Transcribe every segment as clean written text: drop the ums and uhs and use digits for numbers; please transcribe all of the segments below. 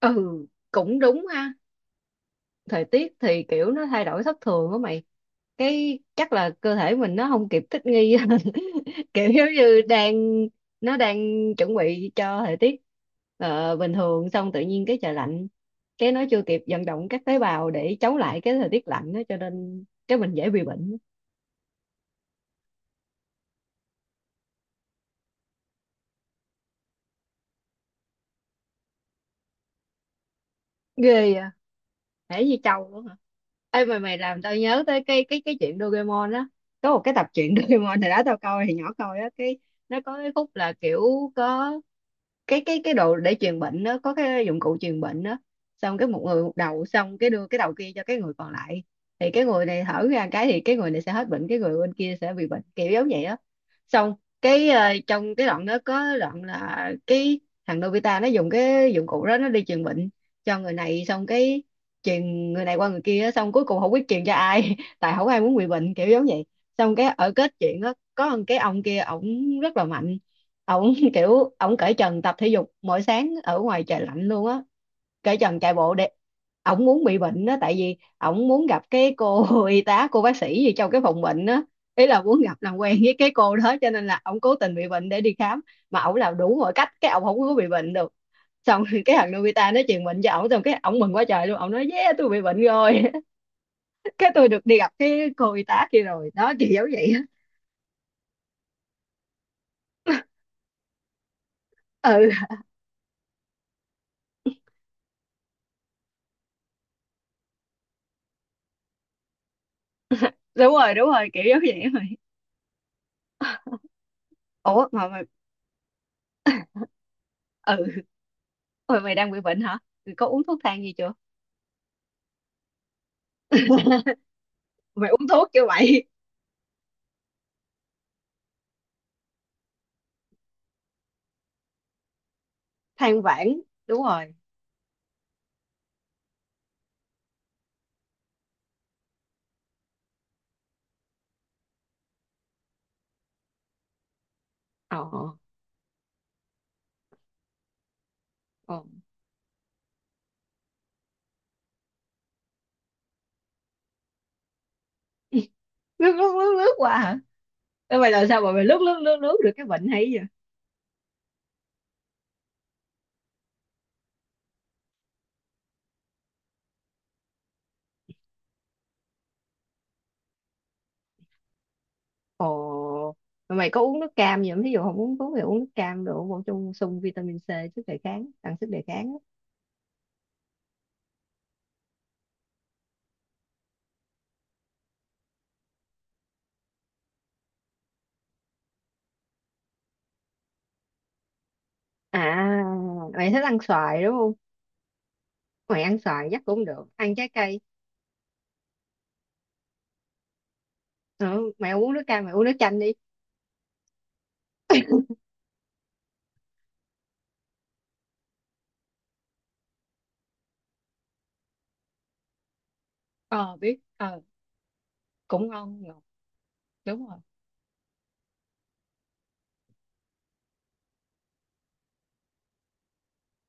Ừ, cũng đúng ha. Thời tiết thì kiểu nó thay đổi thất thường á mày. Cái chắc là cơ thể mình nó không kịp thích nghi. Kiểu giống như đang, nó đang chuẩn bị cho thời tiết bình thường, xong tự nhiên cái trời lạnh, cái nó chưa kịp vận động các tế bào để chống lại cái thời tiết lạnh đó, cho nên cái mình dễ bị bệnh. Ghê vậy. Thể như trâu luôn hả? Ê, mày mày làm tao nhớ tới cái chuyện Doraemon á. Có một cái tập truyện Doraemon hồi đó tao coi thì nhỏ coi á, cái nó có cái khúc là kiểu có cái đồ để truyền bệnh đó, có cái dụng cụ truyền bệnh đó. Xong cái một người một đầu, xong cái đưa cái đầu kia cho cái người còn lại, thì cái người này thở ra cái thì cái người này sẽ hết bệnh, cái người bên kia sẽ bị bệnh, kiểu giống vậy á. Xong cái trong cái đoạn đó có đoạn là cái thằng Nobita nó dùng cái dụng cụ đó nó đi truyền bệnh cho người này, xong cái truyền người này qua người kia á, xong cuối cùng không biết truyền cho ai tại không ai muốn bị bệnh, kiểu giống vậy. Xong cái ở kết chuyện đó có một cái ông kia, ổng rất là mạnh. Ổng kiểu ổng cởi trần tập thể dục mỗi sáng ở ngoài trời lạnh luôn á, cởi trần chạy bộ để, ổng muốn bị bệnh á, tại vì ổng muốn gặp cái cô y tá, cô bác sĩ gì trong cái phòng bệnh á. Ý là muốn gặp làm quen với cái cô đó, cho nên là ổng cố tình bị bệnh để đi khám. Mà ổng làm đủ mọi cách cái ổng không có bị bệnh được. Xong rồi cái thằng Nobita nó truyền bệnh cho ổng, xong cái ổng mừng quá trời luôn, ổng nói yeah tôi bị bệnh rồi. Cái tôi được đi gặp cái cô y tá kia rồi đó, kiểu giống vậy á. Ừ, đúng rồi, đúng rồi, kiểu giống vậy rồi. Ủa mà, ừ. Ôi mày đang bị bệnh hả? Mày có uống thuốc thang gì chưa? Mày uống thuốc chưa mày? Than vãn, đúng rồi. Ờ, ờ. Ờ. Lướt lướt lướt lướt qua hả? Ê, mày làm sao mà mày lướt lướt lướt lướt được cái bệnh hay vậy? Ồ, mà mày có uống nước cam gì không, thí dụ không uống thuốc thì uống nước cam đồ bổ sung, sung vitamin C, sức đề kháng, tăng sức đề kháng á. À, mày thích ăn xoài đúng không? Mày ăn xoài chắc cũng được, ăn trái cây. Ừ, mày không uống nước cam mày uống nước chanh đi. Ờ biết, ờ. Cũng ngon ngọt, đúng rồi.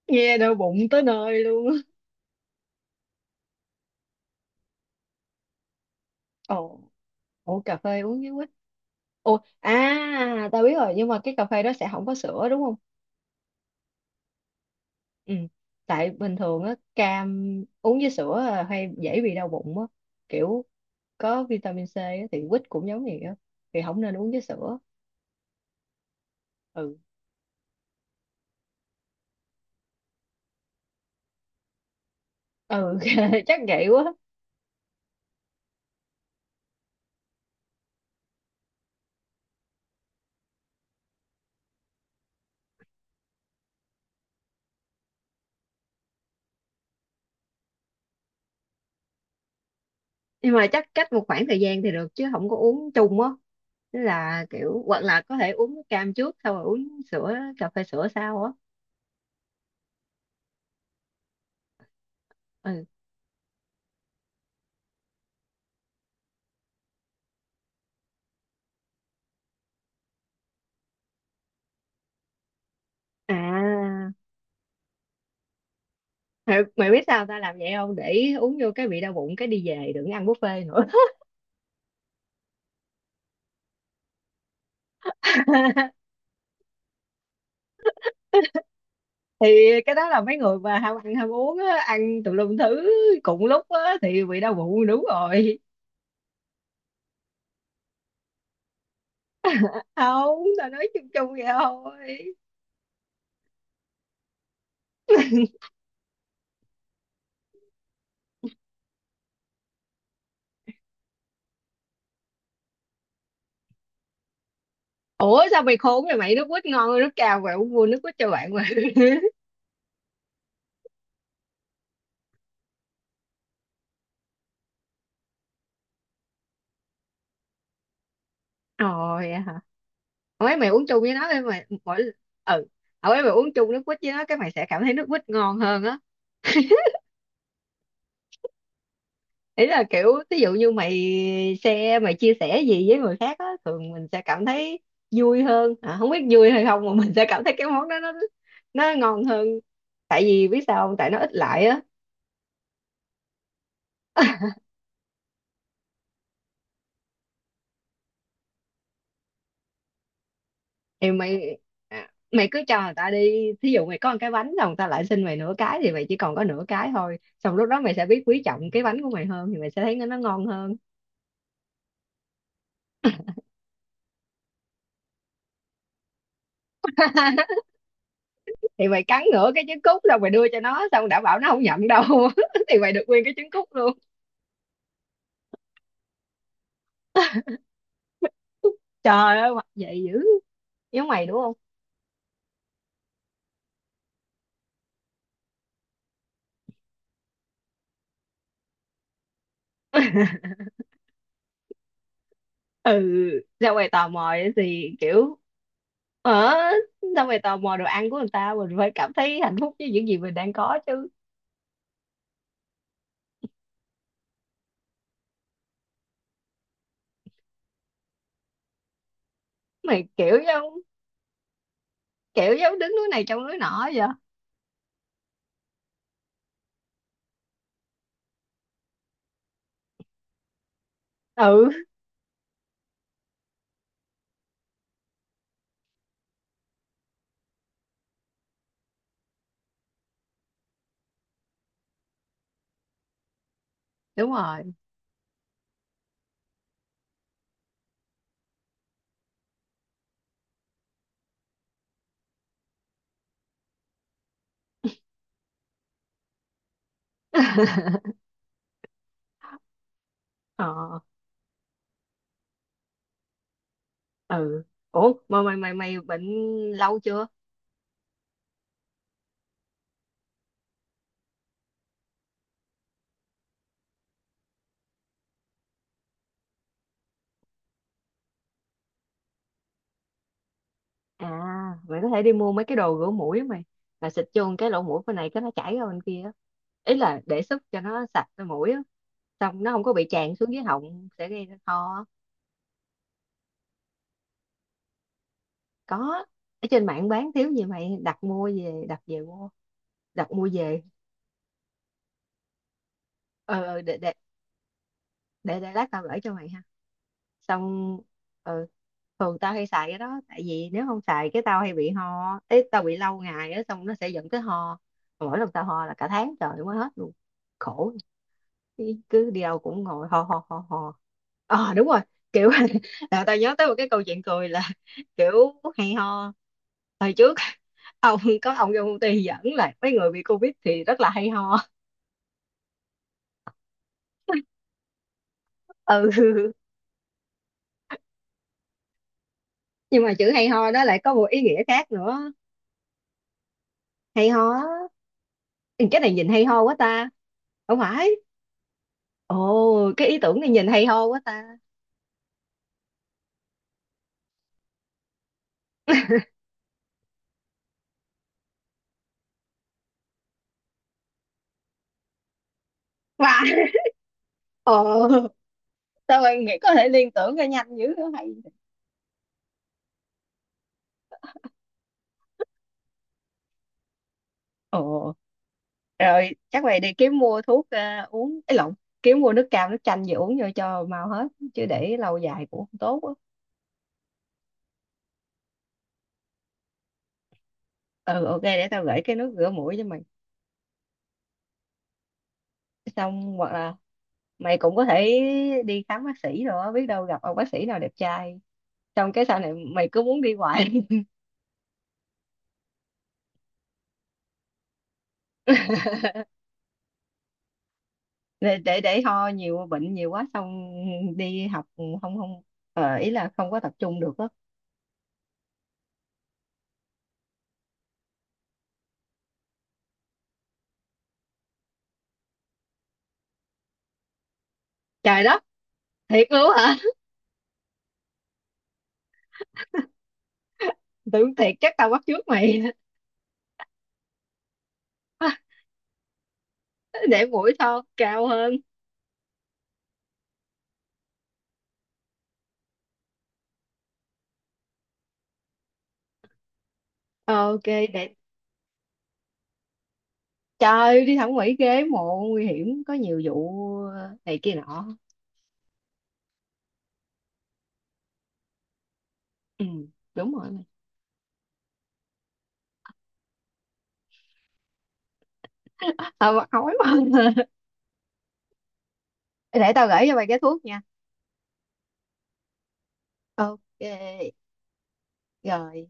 Nghe đau bụng tới nơi luôn á. Ờ. Ủa cà phê uống với quýt. Ủa à tao biết rồi, nhưng mà cái cà phê đó sẽ không có sữa đúng không? Ừ. Tại bình thường á cam uống với sữa là hay dễ bị đau bụng á. Kiểu có vitamin C á, thì quýt cũng giống vậy á. Thì không nên uống với sữa. Ừ. Ừ, chắc vậy quá. Nhưng mà chắc cách một khoảng thời gian thì được, chứ không có uống chung á. Tức là kiểu hoặc là có thể uống cam trước, xong rồi uống sữa, cà phê sữa sau á. Ừ. À mày, mày biết sao tao làm vậy không, để uống vô cái bị đau bụng cái đi về đừng ăn buffet nữa. Thì cái đó là mấy người mà ham ăn ham uống á, ăn tùm lum thứ cùng lúc á, thì bị đau bụng đúng rồi. Không, tao nói chung chung vậy thôi. Ủa sao mày khốn vậy mày, nước quýt ngon hơn nước cam, mày uống mua nước quýt cho bạn mà. Ồ, vậy hả? Hồi ấy mày uống chung với nó đi mày, mỗi, ừ. Hồi ấy mày uống chung nước quýt với nó cái mày sẽ cảm thấy nước quýt ngon hơn á. Ý là kiểu ví dụ như mày share, mày chia sẻ gì với người khác á, thường mình sẽ cảm thấy vui hơn, à, không biết vui hay không mà mình sẽ cảm thấy cái món đó nó ngon hơn, tại vì biết sao không, tại nó ít lại á. thì mày Mày cứ cho người ta đi, thí dụ mày có một cái bánh rồi người ta lại xin mày nửa cái thì mày chỉ còn có nửa cái thôi, xong lúc đó mày sẽ biết quý trọng cái bánh của mày hơn, thì mày sẽ thấy nó ngon hơn. Thì mày cắn nửa cái trứng cút rồi mày đưa cho nó, xong đảm bảo nó không nhận đâu. Thì mày được nguyên cái trứng cút luôn. Trời ơi, mặc vậy dữ, giống mày đúng không? Ừ, ra ngoài tò mò ấy thì kiểu, ở, ra ngoài tò mò đồ ăn của người ta, mình phải cảm thấy hạnh phúc với những gì mình đang có chứ. Mày kiểu giống, kiểu giống đứng núi này trông núi nọ vậy. Ừ, đúng rồi. Ờ. Ừ. Ủa mà mày mày mày bệnh lâu chưa? À, mày có thể đi mua mấy cái đồ rửa mũi á mày, là xịt vô cái lỗ mũi bên này cái nó chảy ra bên kia á. Ý là để sức cho nó sạch cái mũi á, xong nó không có bị tràn xuống dưới họng sẽ gây ra ho á. Có, ở trên mạng bán thiếu gì, mày đặt mua về, đặt về mua, đặt mua về. ờ ờ, để để để lát tao gửi cho mày ha. Xong, ờ, thường tao hay xài cái đó, tại vì nếu không xài cái tao hay bị ho ấy, tao bị lâu ngày á, xong nó sẽ dẫn tới ho. Mà mỗi lần tao ho là cả tháng trời mới hết luôn, khổ, cứ đi đâu cũng ngồi ho ho ho ho. Ờ đúng rồi, kiểu là tao nhớ tới một cái câu chuyện cười là, kiểu hay ho, hồi trước ông có ông trong công ty dẫn là mấy người bị covid thì rất là hay ho. Ừ. Nhưng mà chữ hay ho đó lại có một ý nghĩa khác nữa, hay ho á. Ừ, cái này nhìn hay ho quá ta. Không phải, ồ cái ý tưởng này nhìn hay ho quá ta. Và, ồ, sao bạn nghĩ có thể liên tưởng ra nhanh dữ, hay. Ồ, rồi chắc vậy đi kiếm mua thuốc, à, uống, ấy lộn, kiếm mua nước cam, nước chanh về uống vô cho mau hết, chứ để lâu dài cũng không tốt á. Ừ, ok, để tao gửi cái nước rửa mũi cho mày. Xong hoặc là mày cũng có thể đi khám bác sĩ rồi á, biết đâu gặp ông bác sĩ nào đẹp trai. Xong cái sau này mày cứ muốn đi hoài. Để ho nhiều, bệnh nhiều quá, xong đi học không, không, ờ, ý là không có tập trung được á. Trời đất, thiệt luôn hả? Tưởng thiệt chắc tao bắt chước mày. Để mũi to cao hơn. Ờ, ok để, trời ơi, đi thẩm mỹ ghế mộ nguy hiểm, có nhiều vụ ờ, này kia nọ. Ừ, đúng rồi. Ờ mà ói mà. Để tao gửi cho mày cái thuốc nha. Ok, rồi.